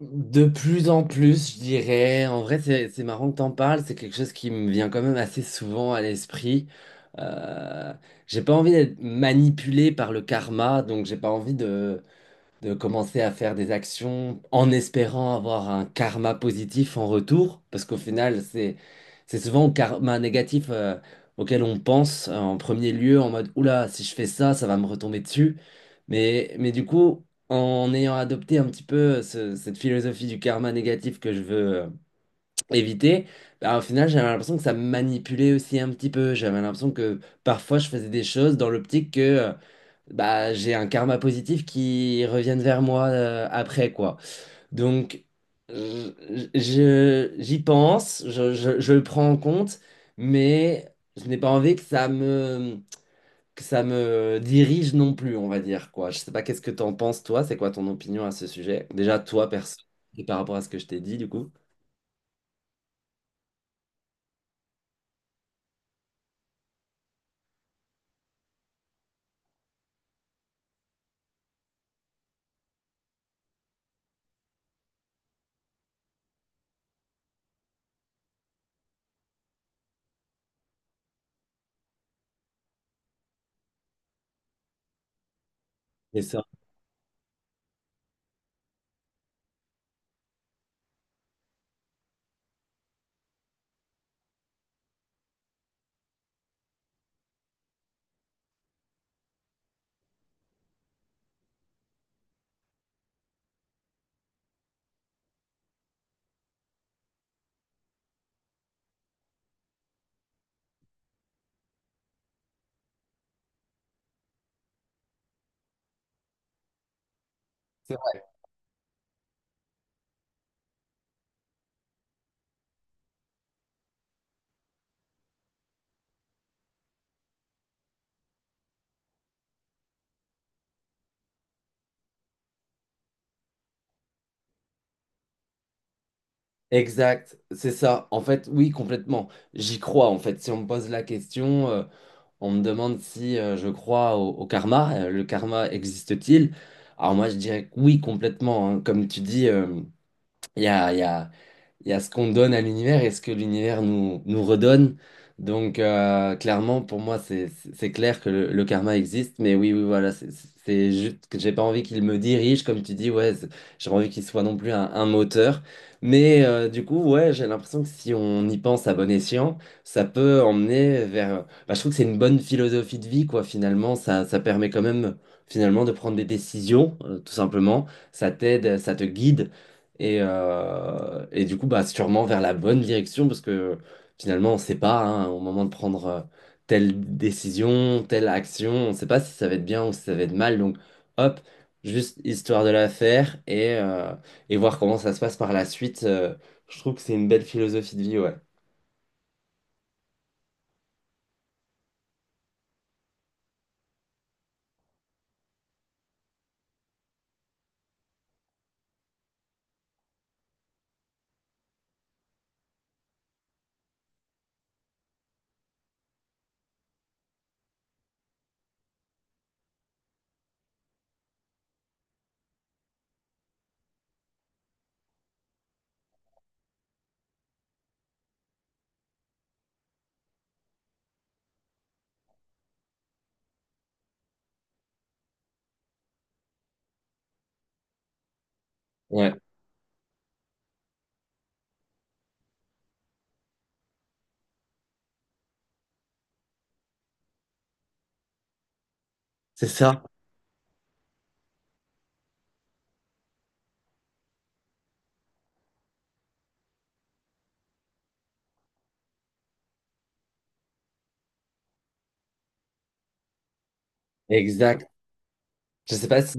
De plus en plus, je dirais. En vrai, c'est marrant que t'en parles. C'est quelque chose qui me vient quand même assez souvent à l'esprit. Euh, j'ai pas envie d'être manipulé par le karma, donc j'ai pas envie de commencer à faire des actions en espérant avoir un karma positif en retour, parce qu'au final, c'est souvent au karma négatif auquel on pense en premier lieu, en mode oula, si je fais ça, ça va me retomber dessus. Mais du coup, en ayant adopté un petit peu cette philosophie du karma négatif que je veux éviter, bah, au final, j'avais l'impression que ça me manipulait aussi un petit peu. J'avais l'impression que parfois, je faisais des choses dans l'optique que bah, j'ai un karma positif qui revienne vers moi après, quoi. Donc, je, j'y pense, je le prends en compte, mais je n'ai pas envie que ça me dirige non plus, on va dire, quoi. Je sais pas qu'est-ce que t'en penses, toi, c'est quoi ton opinion à ce sujet? Déjà, toi, perso, et par rapport à ce que je t'ai dit, du coup. Et ça. C'est vrai. Exact, c'est ça. En fait, oui, complètement. J'y crois, en fait. Si on me pose la question, on me demande si je crois au karma, le karma existe-t-il? Alors moi, je dirais que oui, complètement, hein. Comme tu dis, il y a, il y a- il y a ce qu'on donne à l'univers et ce que l'univers nous redonne. Donc, clairement, pour moi, c'est clair que le karma existe. Mais oui, oui, voilà, c'est juste que j'ai pas envie qu'il me dirige, comme tu dis, ouais, j'ai pas envie qu'il soit non plus un moteur. Mais du coup, ouais, j'ai l'impression que si on y pense à bon escient, ça peut emmener vers bah, je trouve que c'est une bonne philosophie de vie, quoi, finalement. Ça permet quand même, finalement, de prendre des décisions, tout simplement. Ça t'aide, ça te guide. Et du coup, bah, sûrement vers la bonne direction, parce que finalement, on ne sait pas, hein, au moment de prendre telle décision, telle action, on ne sait pas si ça va être bien ou si ça va être mal. Donc, hop, juste histoire de la faire et et voir comment ça se passe par la suite. Je trouve que c'est une belle philosophie de vie, ouais. Ouais, c'est ça. Exact. Je sais pas si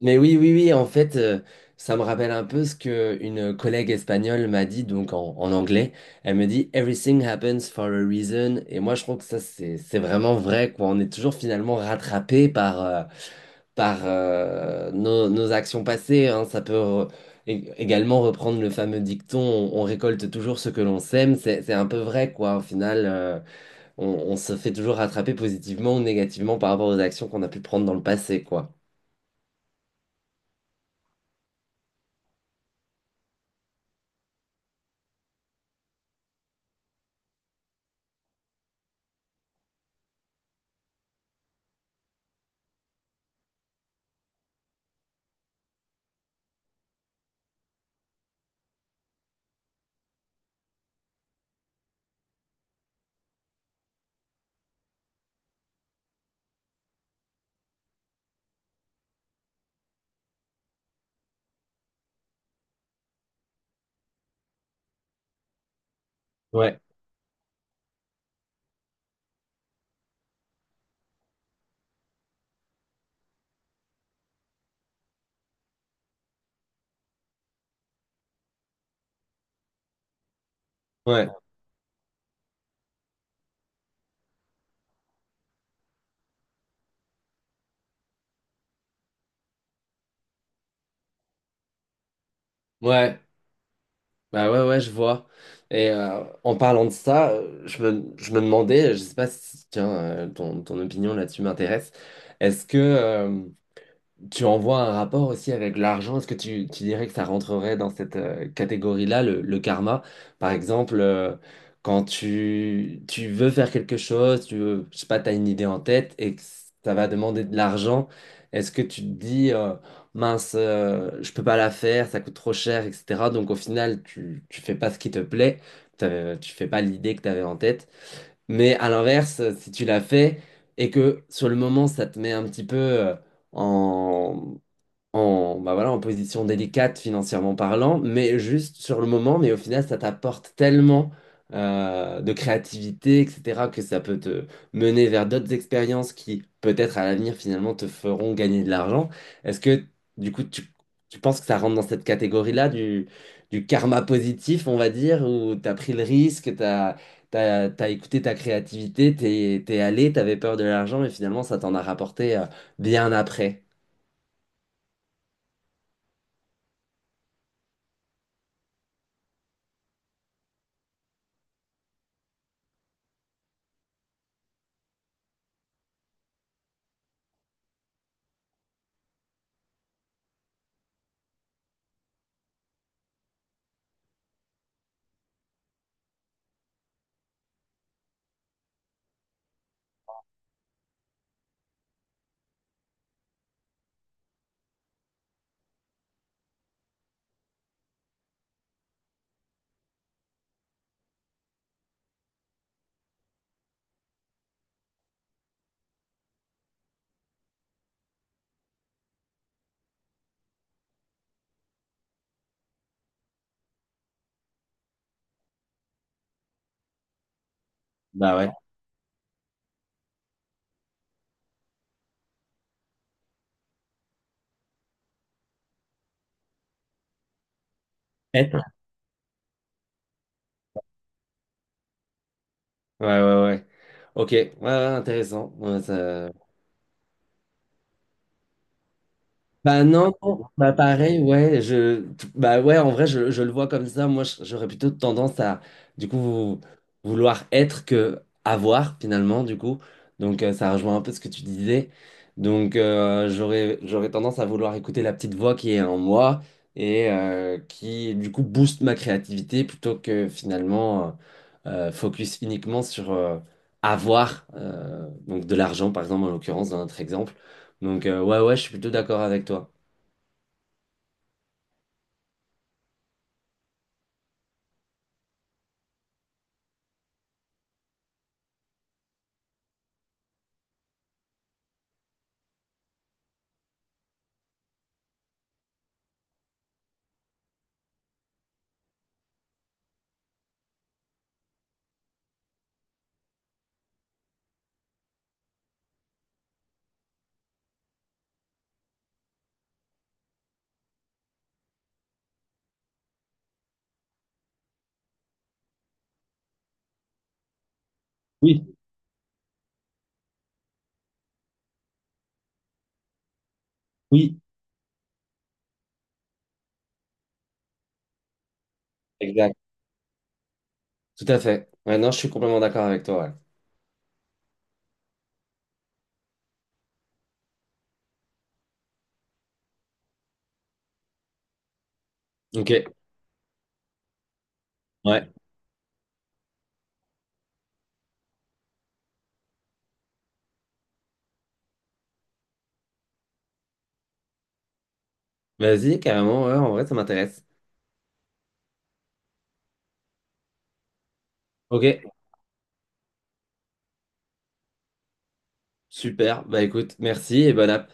mais oui, oui, oui, en fait, ça me rappelle un peu ce que une collègue espagnole m'a dit, donc en anglais. Elle me dit: Everything happens for a reason. Et moi, je trouve que ça, c'est vraiment vrai, quoi. On est toujours finalement rattrapé par, par nos actions passées, hein. Ça peut également reprendre le fameux dicton: on récolte toujours ce que l'on sème. C'est un peu vrai, quoi. Au final, on se fait toujours rattraper positivement ou négativement par rapport aux actions qu'on a pu prendre dans le passé, quoi. Ouais, ouais, ouais. Bah ouais, ouais, je vois. Et en parlant de ça, je me demandais, je sais pas si, tiens, ton opinion là-dessus m'intéresse. Est-ce que tu envoies un rapport aussi avec l'argent. Est-ce que tu dirais que ça rentrerait dans cette catégorie-là, le karma? Par exemple, quand tu veux faire quelque chose, tu veux, je sais pas, tu as une idée en tête et que ça va demander de l'argent, est-ce que tu te dis, mince, je peux pas la faire, ça coûte trop cher, etc. Donc au final, tu fais pas ce qui te plaît, tu fais pas l'idée que tu avais en tête. Mais à l'inverse, si tu l'as fait et que sur le moment, ça te met un petit peu en, en, bah voilà, en position délicate financièrement parlant, mais juste sur le moment, mais au final, ça t'apporte tellement de créativité, etc., que ça peut te mener vers d'autres expériences qui, peut-être à l'avenir, finalement, te feront gagner de l'argent. Est-ce que, du coup, tu penses que ça rentre dans cette catégorie-là du karma positif, on va dire, où t'as pris le risque, t'as T'as, t'as écouté ta créativité, t'es allé, t'avais peur de l'argent, mais finalement, ça t'en a rapporté bien après. Bah ouais. Être ouais, ouais, ouais. Ok, ouais, ouais, intéressant. Ouais, ça Bah non, bah pareil, ouais, bah ouais, en vrai, je le vois comme ça. Moi, j'aurais plutôt tendance à, du coup, vouloir être que avoir finalement, du coup. Donc, ça rejoint un peu ce que tu disais. Donc, j'aurais tendance à vouloir écouter la petite voix qui est en moi et qui, du coup, booste ma créativité plutôt que finalement focus uniquement sur avoir, donc de l'argent, par exemple, en l'occurrence, dans notre exemple. Donc, ouais, ouais, je suis plutôt d'accord avec toi. Oui, oui, exact. Tout à fait. Ouais, non, je suis complètement d'accord avec toi. Ouais. Ok, ouais. Vas-y, carrément, ouais, en vrai, ça m'intéresse. Ok, super. Bah écoute, merci et bonne app.